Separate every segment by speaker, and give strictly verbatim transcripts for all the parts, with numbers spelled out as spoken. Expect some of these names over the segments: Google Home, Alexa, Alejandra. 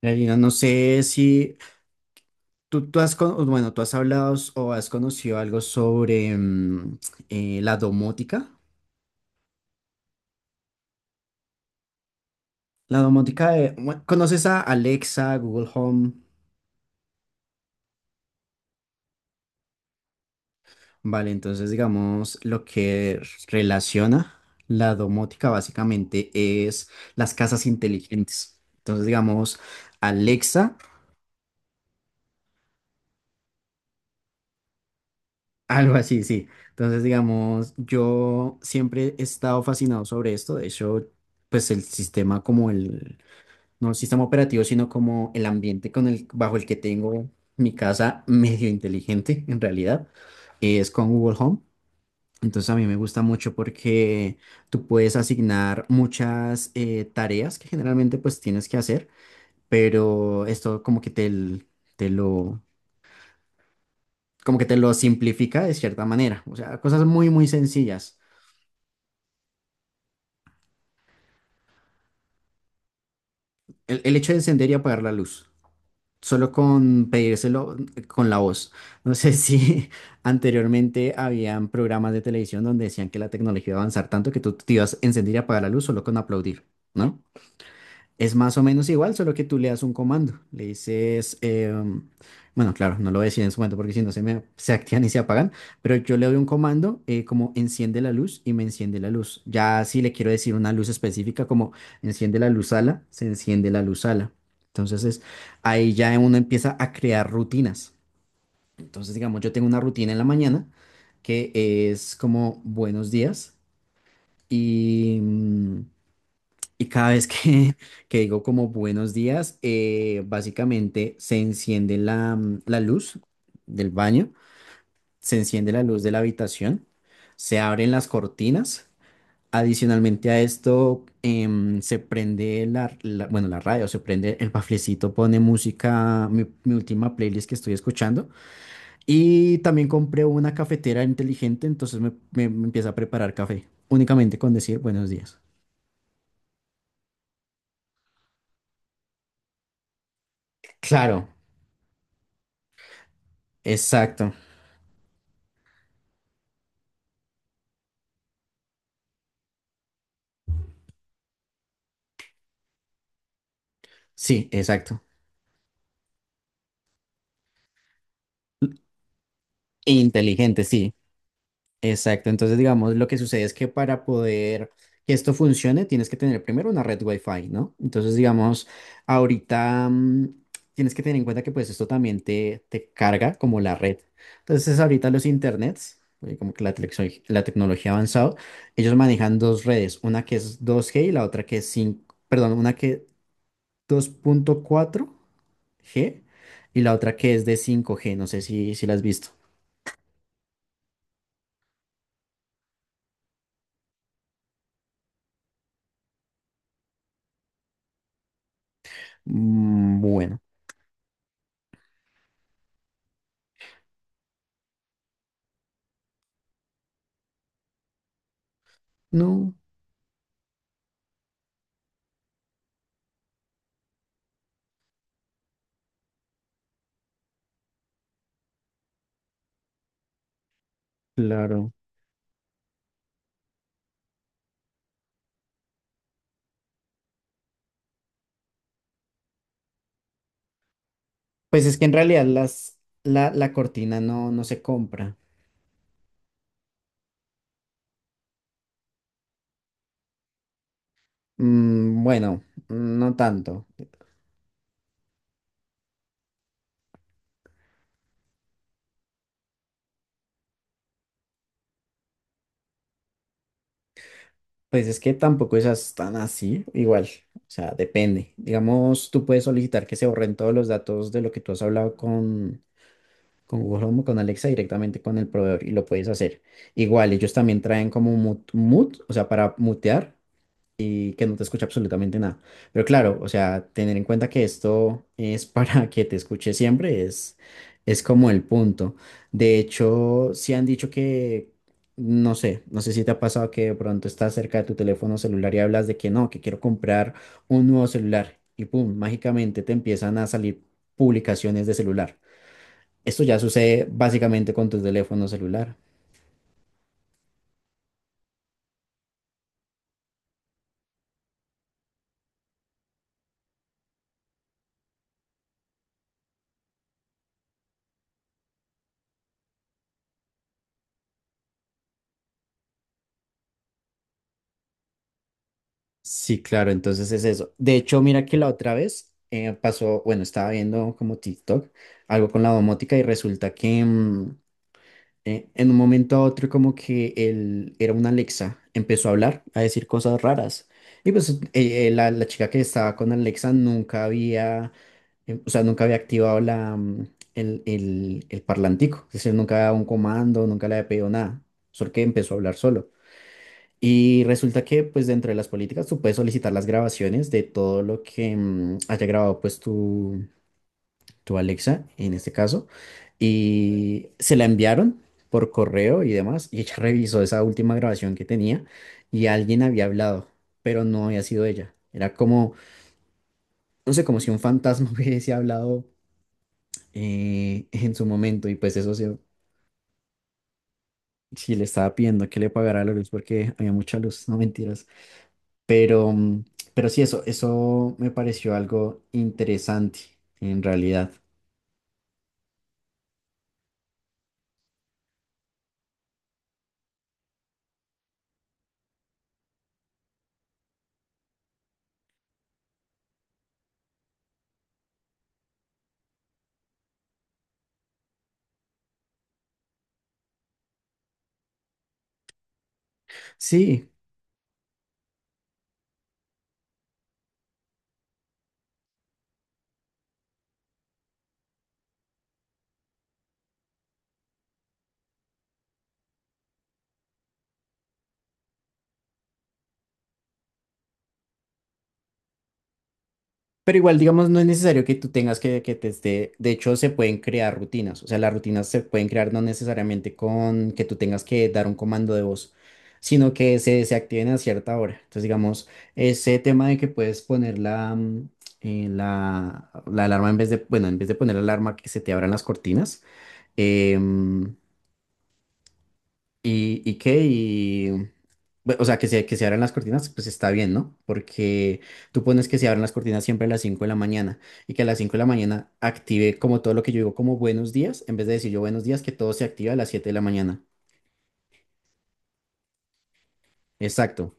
Speaker 1: Karina, no sé si tú, tú has, con- bueno, tú has hablado s- o has conocido algo sobre mm, eh, la domótica. La domótica, de- bueno, ¿conoces a Alexa, Google Home? Vale, entonces digamos lo que relaciona la domótica básicamente es las casas inteligentes. Entonces digamos Alexa, algo así, sí. Entonces digamos, yo siempre he estado fascinado sobre esto. De hecho, pues el sistema como el, no el sistema operativo, sino como el ambiente con el, bajo el que tengo mi casa medio inteligente en realidad, es con Google Home. Entonces a mí me gusta mucho porque tú puedes asignar muchas eh, tareas que generalmente pues tienes que hacer, pero esto como que te, l- te lo, como que te lo simplifica de cierta manera. O sea, cosas muy, muy sencillas. El, el hecho de encender y apagar la luz solo con pedírselo, eh, con la voz. No sé si anteriormente habían programas de televisión donde decían que la tecnología iba a avanzar tanto que tú te ibas a encender y apagar la luz solo con aplaudir, ¿no? Es más o menos igual, solo que tú le das un comando. Le dices, em, bueno, claro, no lo voy a decir en su momento porque si no se me se activan y se apagan, pero yo le doy un comando eh, como enciende la luz y me enciende la luz. Ya si le quiero decir una luz específica como enciende la luz ala, se enciende la luz ala. Entonces es- ahí ya uno empieza a crear rutinas. Entonces, digamos, yo tengo una rutina en la mañana que es como buenos días y... mm, y cada vez que, que digo como buenos días, eh, básicamente se enciende la, mm, la luz del baño, se enciende la luz de la habitación, se abren las cortinas. Adicionalmente a esto, em, se prende la, la- bueno, la radio, se prende el baflecito, pone música, mi, mi última playlist que estoy escuchando. Y también compré una cafetera inteligente, entonces me, me me empieza a preparar café, únicamente con decir buenos días. Claro, exacto. Sí, exacto. Inteligente, sí, exacto. Entonces, digamos, lo que sucede es que para poder que esto funcione, tienes que tener primero una red Wi-Fi, ¿no? Entonces, digamos, ahorita mm, tienes que tener en cuenta que pues esto también te, te carga como la red. Entonces, ahorita los internets, eh, como que la, telexo- la tecnología ha avanzado, ellos manejan dos redes, una que es dos g y la otra que es cinco, perdón, una que es dos punto cuatro g y la otra que es de cinco g. No sé si, si la has visto. Mm. Bueno, no, claro. Pues es que en realidad las, la, la cortina no, no se compra. Mm, bueno, no tanto. Pues es que tampoco esas tan así, igual. O sea, depende. Digamos, tú puedes solicitar que se borren todos los datos de lo que tú has hablado con, con Google Home o con Alexa directamente con el proveedor y lo puedes hacer. Igual, ellos también traen como mute, mute, o sea, para mutear. Y que no te escucha absolutamente nada. Pero claro, o sea, tener en cuenta que esto es para que te escuche siempre es, es, como el punto. De hecho, si han dicho que, no sé, no sé si te ha pasado que de pronto estás cerca de tu teléfono celular y hablas de que no, que quiero comprar un nuevo celular y pum, mágicamente te empiezan a salir publicaciones de celular. Esto ya sucede básicamente con tu teléfono celular. Sí, claro, entonces es eso. De hecho, mira que la otra vez eh, pasó, bueno, estaba viendo como TikTok, algo con la domótica y resulta que mm, eh, en un momento a otro como que él era una Alexa, empezó a hablar, a decir cosas raras. Y pues eh, eh, la, la chica que estaba con Alexa nunca había, em, o sea, nunca había activado la, mm, el, el, el parlantico, es decir, nunca había dado un comando, nunca le había pedido nada, solo que empezó a hablar solo. Y resulta que, pues, dentro de las políticas, tú puedes solicitar las grabaciones de todo lo que mm, haya grabado, pues, tu, tu Alexa, en este caso. Y se la enviaron por correo y demás. Y ella revisó esa última grabación que tenía y alguien había hablado, pero no había sido ella. Era como, no sé, como si un fantasma hubiese hablado eh, en su momento. Y pues eso sí, sí le estaba pidiendo que le pagara la luz porque había mucha luz, no mentiras. Pero, mm, pero sí, eso, eso me pareció algo interesante en realidad. Sí, pero igual, digamos, no es necesario que tú tengas que, que te esté, de hecho, se pueden crear rutinas, o sea, las rutinas se pueden crear no necesariamente con que tú tengas que dar un comando de voz, sino que se, se activen a cierta hora. Entonces, digamos, ese tema de que puedes poner la, mm, eh, la, la alarma en vez de, bueno, en vez de poner la alarma que se te abran las cortinas. em, ¿Y, y qué? Y, bu- o sea, que se, que se abran las cortinas, pues está bien, ¿no? Porque tú pones que se abran las cortinas siempre a las cinco de la mañana y que a las cinco de la mañana active como todo lo que yo digo como buenos días, en vez de decir yo buenos días, que todo se activa a las siete de la mañana. Exacto.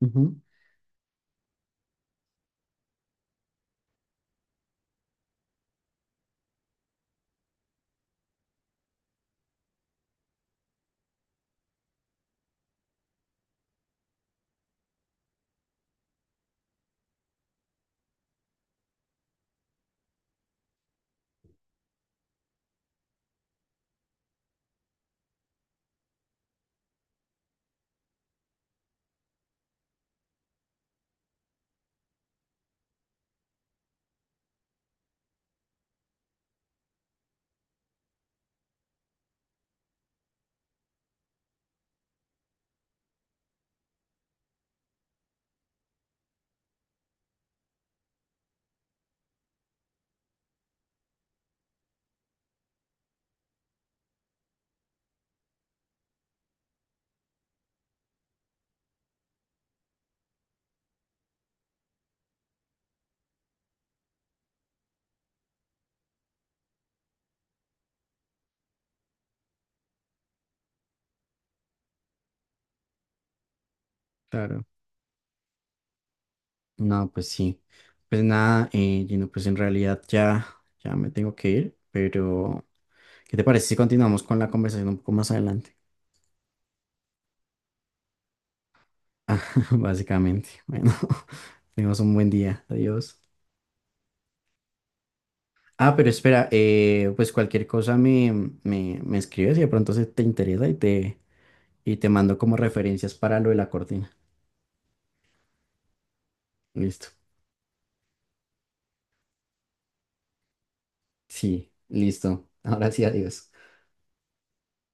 Speaker 1: Ujú. Claro. No, pues sí. Pues nada, eh, Gino, pues en realidad ya, ya me tengo que ir, pero ¿qué te parece si continuamos con la conversación un poco más adelante? Básicamente. Bueno, tengas un buen día. Adiós. Ah, pero espera, eh, pues cualquier cosa me, me, me escribes y de pronto se te interesa y te, y te mando como referencias para lo de la cortina. Listo. Sí, listo. Ahora sí, adiós.